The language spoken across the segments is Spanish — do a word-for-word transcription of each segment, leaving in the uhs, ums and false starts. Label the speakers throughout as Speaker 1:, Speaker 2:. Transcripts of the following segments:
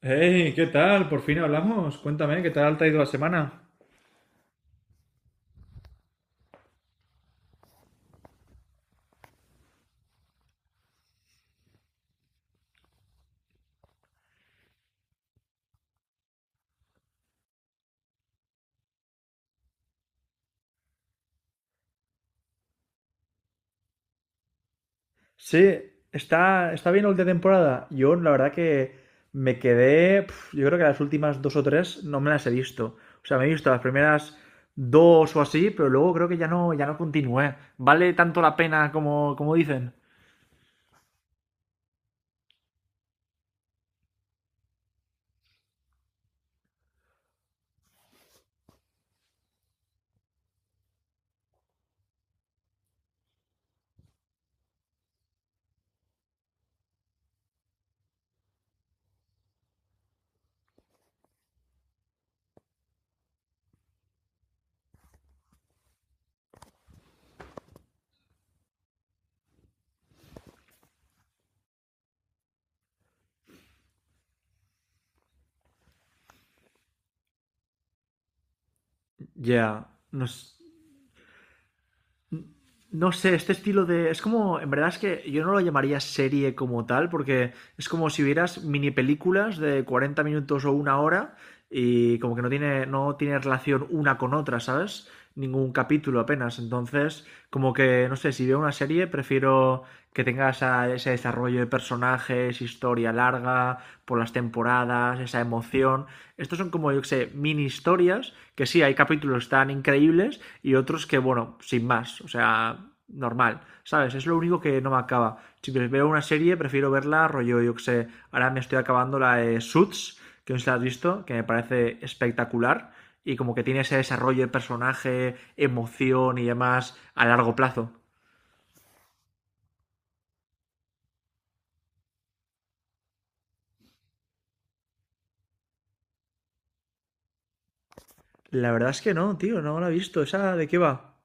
Speaker 1: Hey, ¿qué tal? Por fin hablamos. Cuéntame, ¿qué tal te ha ido la semana? Sí, está, está bien el de temporada. Yo, la verdad que me quedé. Pf, yo creo que las últimas dos o tres no me las he visto. O sea, me he visto las primeras dos o así, pero luego creo que ya no, ya no continué. ¿Vale tanto la pena como, como dicen? Ya, no sé. No sé, este estilo de... Es como, en verdad es que yo no lo llamaría serie como tal, porque es como si vieras mini películas de cuarenta minutos o una hora y como que no tiene, no tiene relación una con otra, ¿sabes? Ningún capítulo apenas. Entonces, como que, no sé, si veo una serie, prefiero que tenga esa- ese desarrollo de personajes, historia larga, por las temporadas, esa emoción. Estos son como, yo que sé, mini historias que sí, hay capítulos tan increíbles y otros que, bueno, sin más, o sea, normal, ¿sabes? Es lo único que no me acaba. Si veo una serie, prefiero verla rollo, yo que sé, ahora me estoy acabando la de Suits, que no sé si la has visto, que me parece espectacular y como que tiene ese desarrollo de personaje, emoción y demás a largo plazo. La verdad es que no, tío, no la he visto. ¿Esa de qué va?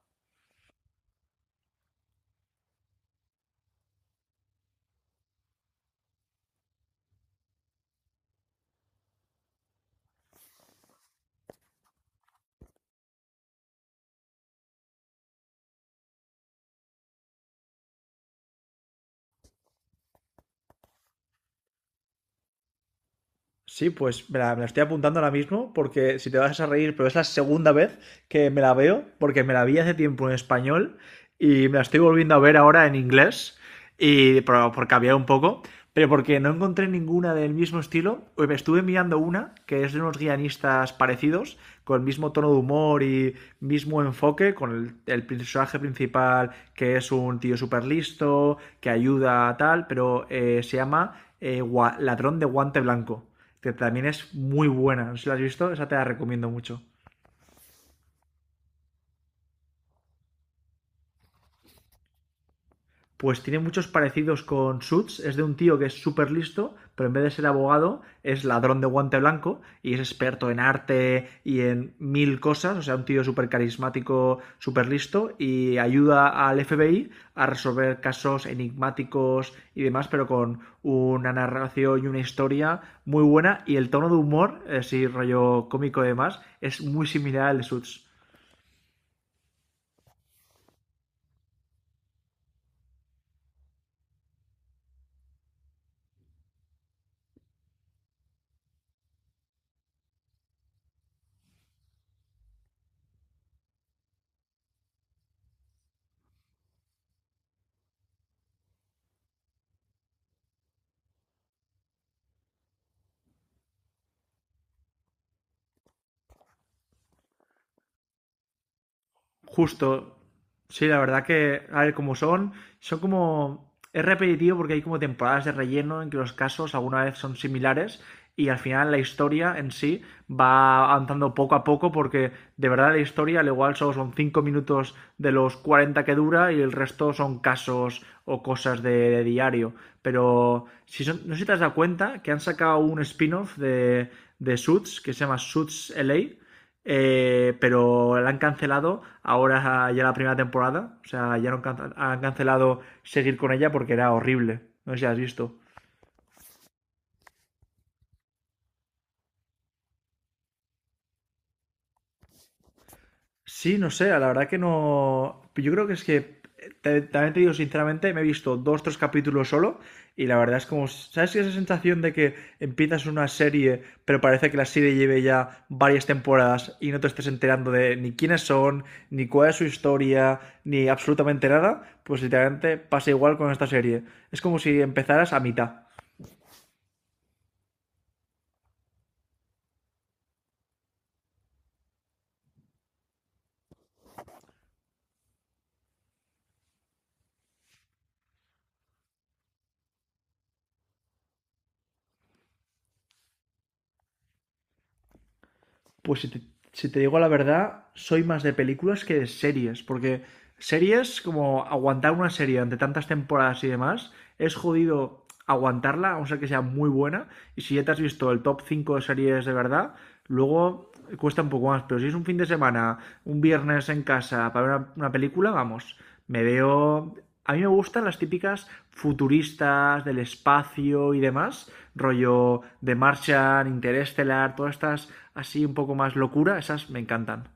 Speaker 1: Sí, pues me la, me la estoy apuntando ahora mismo porque si te vas a reír, pero es la segunda vez que me la veo, porque me la vi hace tiempo en español y me la estoy volviendo a ver ahora en inglés, y por, por cambiar un poco, pero porque no encontré ninguna del mismo estilo. Pues estuve mirando una que es de unos guionistas parecidos, con el mismo tono de humor y mismo enfoque, con el, el personaje principal que es un tío súper listo, que ayuda a tal, pero eh, se llama eh, Gua- Ladrón de Guante Blanco, que también es muy buena. No sé si la has visto, esa te la recomiendo mucho. Pues tiene muchos parecidos con Suits. Es de un tío que es súper listo, pero en vez de ser abogado, es ladrón de guante blanco y es experto en arte y en mil cosas. O sea, un tío súper carismático, súper listo y ayuda al F B I a resolver casos enigmáticos y demás, pero con una narración y una historia muy buena. Y el tono de humor, eh, sí, rollo cómico y demás, es muy similar al de Suits. Justo. Sí, la verdad que, a ver, como son, son como... Es repetitivo porque hay como temporadas de relleno en que los casos alguna vez son similares y al final la historia en sí va avanzando poco a poco porque de verdad la historia al igual solo son cinco minutos de los cuarenta que dura y el resto son casos o cosas de, de diario. Pero si son- no sé si te has dado cuenta que han sacado un spin-off de, de Suits que se llama Suits L A, eh, pero la han cancelado ahora ya la primera temporada. O sea, ya no han, cancelado seguir con ella porque era horrible. No sé si has visto. Sí, no sé, la verdad que no. Yo creo que es que, eh, te- también te digo sinceramente, me he visto dos, tres capítulos solo y la verdad es como, ¿sabes esa sensación de que empiezas una serie, pero parece que la serie lleve ya varias temporadas y no te estés enterando de ni quiénes son, ni cuál es su historia, ni absolutamente nada? Pues literalmente pasa igual con esta serie. Es como si empezaras a mitad. Pues si te, si te digo la verdad, soy más de películas que de series, porque series, como aguantar una serie ante tantas temporadas y demás, es jodido aguantarla, a no ser que sea muy buena, y si ya te has visto el top cinco de series de verdad, luego cuesta un poco más, pero si es un fin de semana, un viernes en casa para ver una, una película, vamos, me veo a mí me gustan las típicas futuristas del espacio y demás, rollo de Martian, Interestelar, todas estas así un poco más locura, esas me encantan.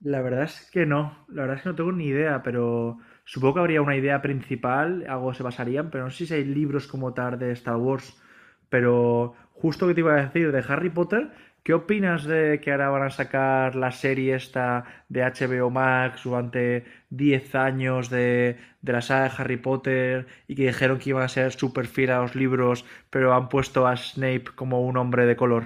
Speaker 1: La verdad es que no, la verdad es que no tengo ni idea, pero supongo que habría una idea principal, algo se basarían, pero no sé si hay libros como tal de Star Wars. Pero justo que te iba a decir de Harry Potter, ¿qué opinas de que ahora van a sacar la serie esta de H B O Max durante diez años de, de la saga de Harry Potter y que dijeron que iban a ser súper fiel a los libros, pero han puesto a Snape como un hombre de color?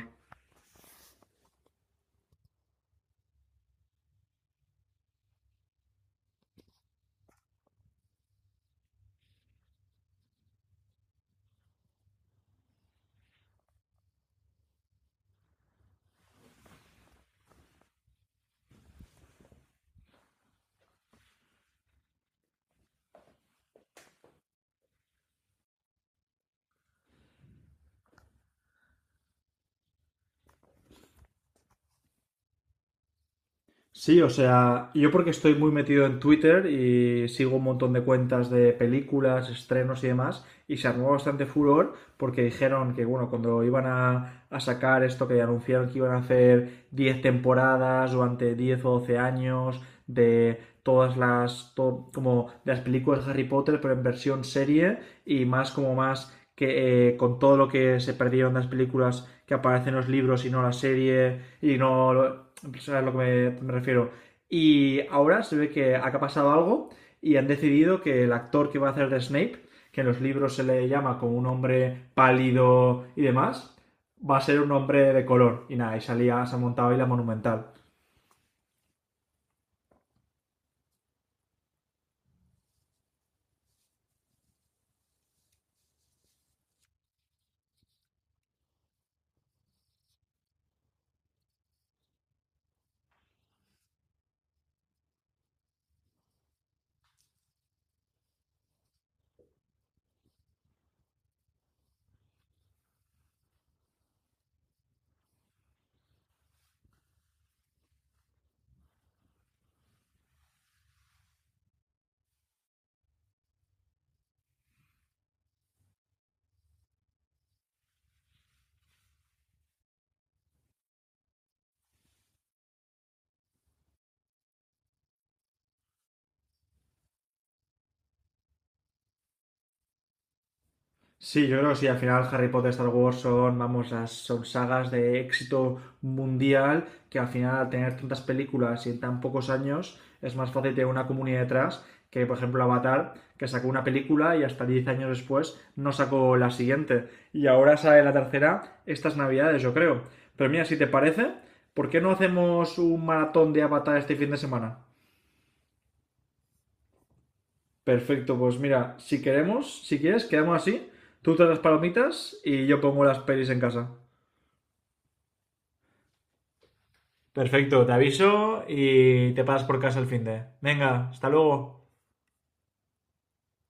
Speaker 1: Sí, o sea, yo porque estoy muy metido en Twitter y sigo un montón de cuentas de películas, estrenos y demás, y se armó bastante furor porque dijeron que, bueno, cuando iban a, a sacar esto que anunciaron que iban a hacer diez temporadas durante diez o doce años de todas las, to- como de las películas de Harry Potter, pero en versión serie y más como más que eh, con todo lo que se perdieron las películas que aparecen en los libros y no la serie y no lo- sabes a lo que me, me refiero, y ahora se ve que acá ha pasado algo y han decidido que el actor que va a hacer de Snape, que en los libros se le llama como un hombre pálido y demás, va a ser un hombre de color, y nada, y salía se ha montado ahí la monumental. Sí, yo creo que sí. Al final, Harry Potter, Star Wars son, vamos, las, son sagas de éxito mundial que al final, al tener tantas películas y en tan pocos años, es más fácil tener una comunidad detrás que, por ejemplo, Avatar, que sacó una película y hasta diez años después no sacó la siguiente. Y ahora sale la tercera estas navidades, yo creo. Pero mira, si te parece, ¿por qué no hacemos un maratón de Avatar este fin de semana? Perfecto, pues mira, si queremos, si quieres, quedamos así. Tú te das palomitas y yo pongo las pelis en casa. Perfecto, te aviso y te pasas por casa el fin de. Venga, hasta luego.